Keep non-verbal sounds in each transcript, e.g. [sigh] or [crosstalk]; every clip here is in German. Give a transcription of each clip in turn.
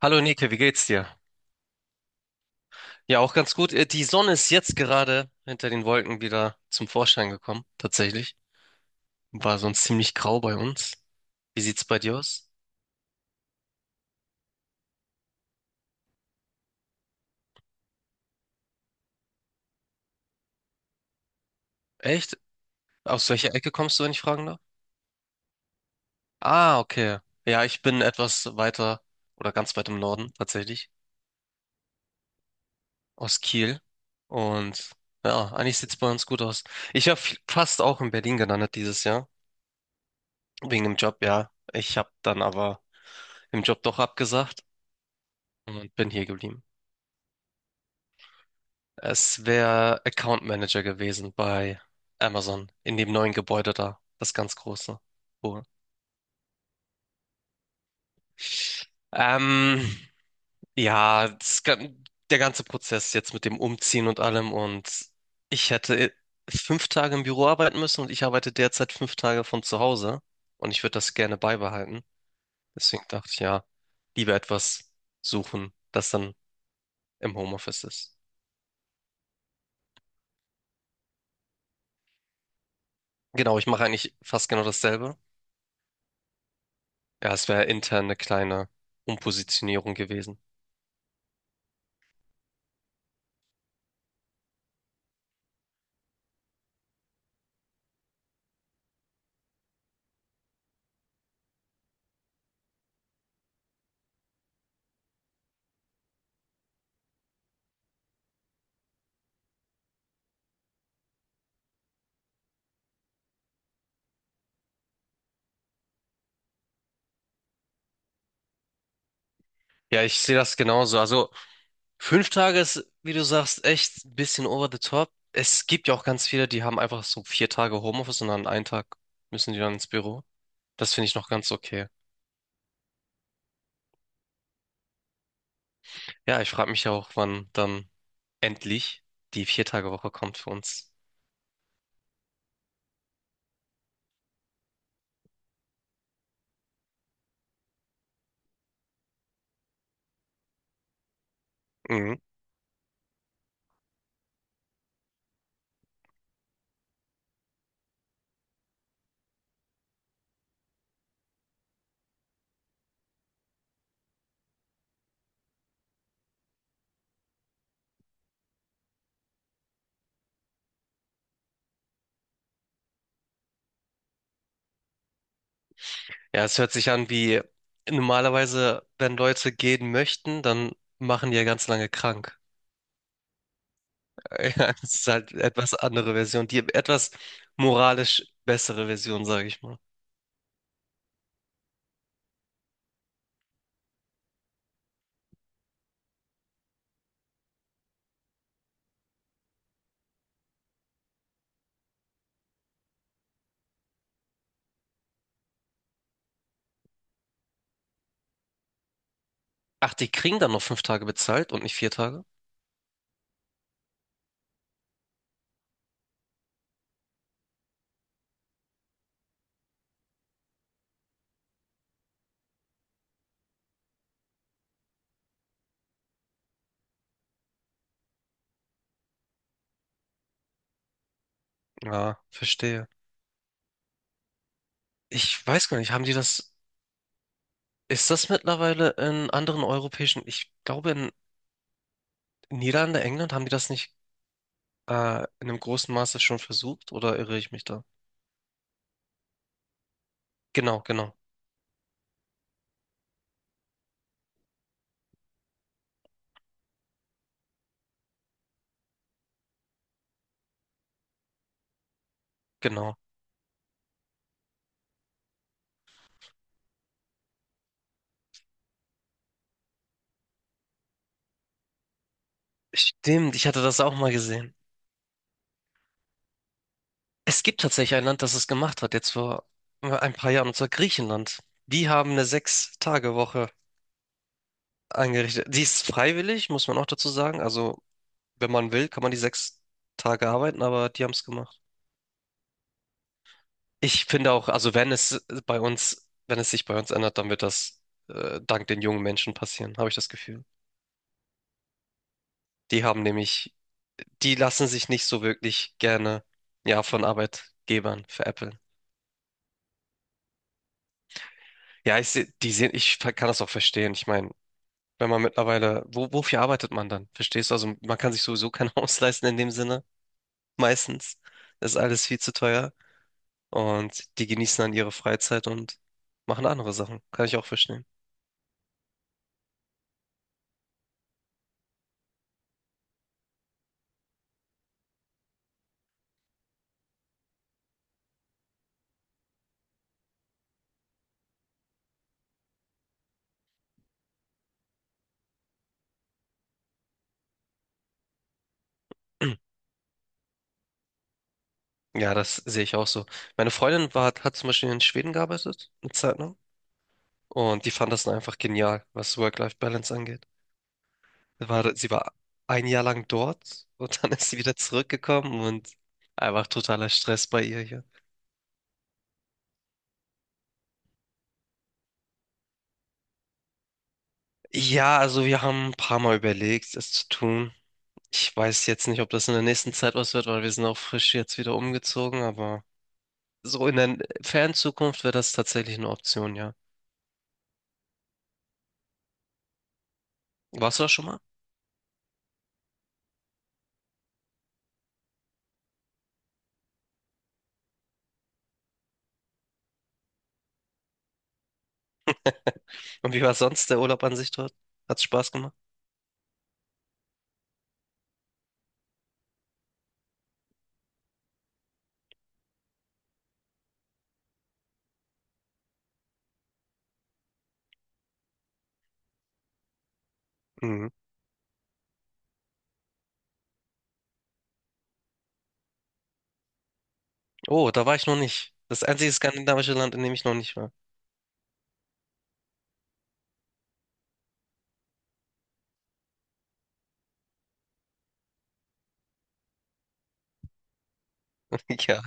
Hallo Nike, wie geht's dir? Ja, auch ganz gut. Die Sonne ist jetzt gerade hinter den Wolken wieder zum Vorschein gekommen, tatsächlich. War sonst ziemlich grau bei uns. Wie sieht's bei dir aus? Echt? Aus welcher Ecke kommst du, wenn ich fragen darf? Ah, okay. Ja, ich bin etwas weiter oder ganz weit im Norden tatsächlich, aus Kiel. Und ja, eigentlich sieht's bei uns gut aus. Ich habe fast auch in Berlin gelandet dieses Jahr, wegen dem Job, ja. Ich habe dann aber im Job doch abgesagt und bin hier geblieben. Es wäre Account Manager gewesen bei Amazon in dem neuen Gebäude da, das ganz große. Wo- Ähm, ja, der ganze Prozess jetzt mit dem Umziehen und allem und ich hätte 5 Tage im Büro arbeiten müssen und ich arbeite derzeit 5 Tage von zu Hause und ich würde das gerne beibehalten. Deswegen dachte ich, ja, lieber etwas suchen, das dann im Homeoffice ist. Genau, ich mache eigentlich fast genau dasselbe. Ja, es wäre intern eine kleine Umpositionierung gewesen. Ja, ich sehe das genauso. Also 5 Tage ist, wie du sagst, echt ein bisschen over the top. Es gibt ja auch ganz viele, die haben einfach so 4 Tage Homeoffice und an einem Tag müssen die dann ins Büro. Das finde ich noch ganz okay. Ja, ich frage mich ja auch, wann dann endlich die Vier-Tage-Woche kommt für uns. Mhm. Ja, es hört sich an wie normalerweise, wenn Leute gehen möchten, dann machen die ja ganz lange krank. [laughs] Ja, es ist halt etwas andere Version, die etwas moralisch bessere Version, sage ich mal. Ach, die kriegen dann noch 5 Tage bezahlt und nicht 4 Tage? Ja, verstehe. Ich weiß gar nicht, haben die das, ist das mittlerweile in anderen europäischen, ich glaube in Niederlande, England haben die das nicht in einem großen Maße schon versucht oder irre ich mich da? Genau, genau, genau. Stimmt, ich hatte das auch mal gesehen. Es gibt tatsächlich ein Land, das es gemacht hat, jetzt vor ein paar Jahren, und zwar Griechenland. Die haben eine Sechs-Tage-Woche eingerichtet. Die ist freiwillig, muss man auch dazu sagen. Also, wenn man will, kann man die 6 Tage arbeiten, aber die haben es gemacht. Ich finde auch, also wenn es bei uns, wenn es sich bei uns ändert, dann wird das dank den jungen Menschen passieren, habe ich das Gefühl. Die haben nämlich, die lassen sich nicht so wirklich gerne, ja, von Arbeitgebern veräppeln. Ja, ich seh, die sehen, kann das auch verstehen. Ich meine, wenn man mittlerweile, wo, wofür arbeitet man dann? Verstehst du? Also man kann sich sowieso kein [laughs] Haus leisten in dem Sinne, meistens. Das ist alles viel zu teuer. Und die genießen dann ihre Freizeit und machen andere Sachen. Kann ich auch verstehen. [clears throat] Ja, das sehe ich auch so. Meine Freundin war, hat zum Beispiel in Schweden gearbeitet, eine Zeit lang. Und die fand das dann einfach genial, was Work-Life-Balance angeht. Sie war ein Jahr lang dort und [laughs] dann ist sie wieder zurückgekommen und einfach totaler Stress bei ihr hier. Ja, also wir haben ein paar Mal überlegt, es zu tun. Ich weiß jetzt nicht, ob das in der nächsten Zeit was wird, weil wir sind auch frisch jetzt wieder umgezogen, aber. So in der fernen Zukunft wäre das tatsächlich eine Option, ja. Warst du da schon mal? [laughs] Und wie war sonst der Urlaub an sich dort? Hat's Spaß gemacht? Mhm. Oh, da war ich noch nicht. Das einzige skandinavische Land, in dem ich noch nicht war. [laughs] Ja.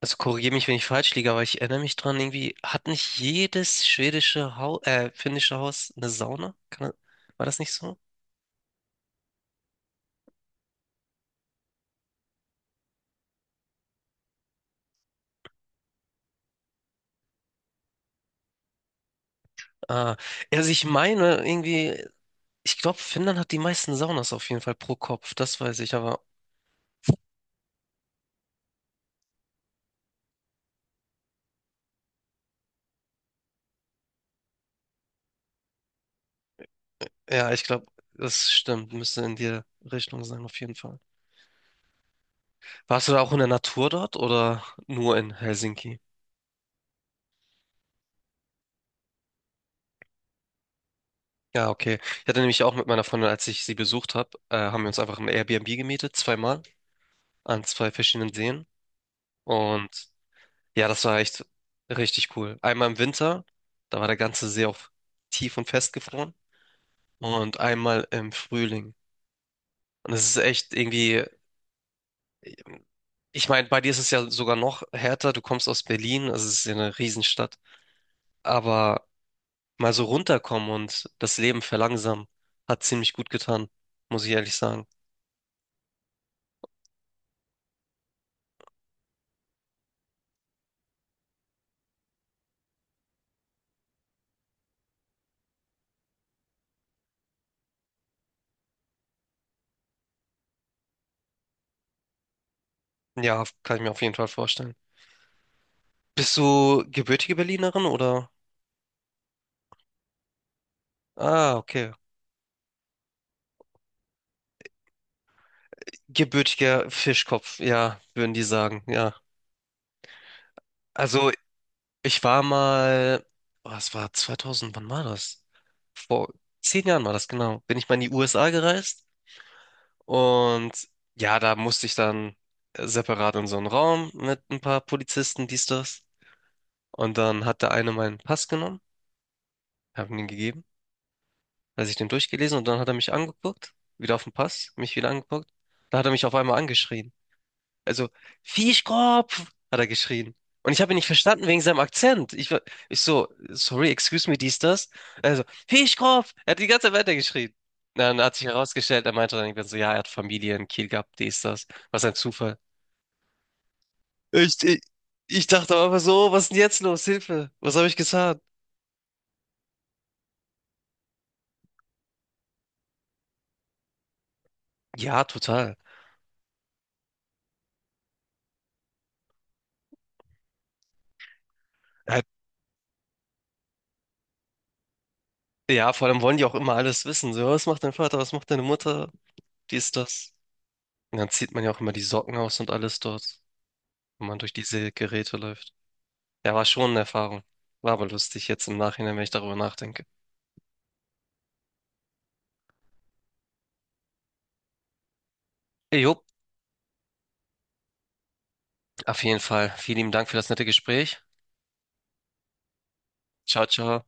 Also korrigiere mich, wenn ich falsch liege, aber ich erinnere mich dran, irgendwie hat nicht jedes schwedische Haus, finnische Haus eine Sauna? War das nicht so? Ah, also ich meine irgendwie, ich glaube, Finnland hat die meisten Saunas auf jeden Fall pro Kopf, das weiß ich, aber ja, ich glaube, das stimmt. Müsste in die Richtung sein, auf jeden Fall. Warst du da auch in der Natur dort oder nur in Helsinki? Ja, okay. Ich hatte nämlich auch mit meiner Freundin, als ich sie besucht habe, haben wir uns einfach ein Airbnb gemietet, zweimal, an zwei verschiedenen Seen. Und ja, das war echt richtig cool. Einmal im Winter, da war der ganze See auf tief und festgefroren. Und einmal im Frühling. Und es ist echt irgendwie, ich meine, bei dir ist es ja sogar noch härter. Du kommst aus Berlin, also es ist ja eine Riesenstadt. Aber mal so runterkommen und das Leben verlangsamen. Hat ziemlich gut getan, muss ich ehrlich sagen. Ja, kann ich mir auf jeden Fall vorstellen. Bist du gebürtige Berlinerin oder? Ah, okay. Gebürtiger Fischkopf, ja, würden die sagen, ja. Also, ich war mal, was war 2000, wann war das? Vor 10 Jahren war das, genau. Bin ich mal in die USA gereist und ja, da musste ich dann separat in so einen Raum mit ein paar Polizisten, dies, das. Und dann hat der eine meinen Pass genommen, hab ihm den gegeben, hat sich den durchgelesen und dann hat er mich angeguckt, wieder auf den Pass, mich wieder angeguckt. Da hat er mich auf einmal angeschrien. Also, Fischkopf, hat er geschrien. Und ich habe ihn nicht verstanden wegen seinem Akzent. Ich war, ich so, sorry, excuse me, dies, das. Also, Fischkopf, er hat die ganze Zeit weitergeschrien. Dann hat sich herausgestellt, er meinte dann irgendwann so, ja, er hat Familie in Kiel gehabt, dies, das. Was ein Zufall. Ich, ich, ich dachte aber so, was ist denn jetzt los? Hilfe, was habe ich getan? Ja, total. Ja, vor allem wollen die auch immer alles wissen. So, was macht dein Vater, was macht deine Mutter? Dies, das. Und dann zieht man ja auch immer die Socken aus und alles dort, wenn man durch diese Geräte läuft. Ja, war schon eine Erfahrung. War aber lustig jetzt im Nachhinein, wenn ich darüber nachdenke. Jo, auf jeden Fall. Vielen lieben Dank für das nette Gespräch. Ciao, ciao.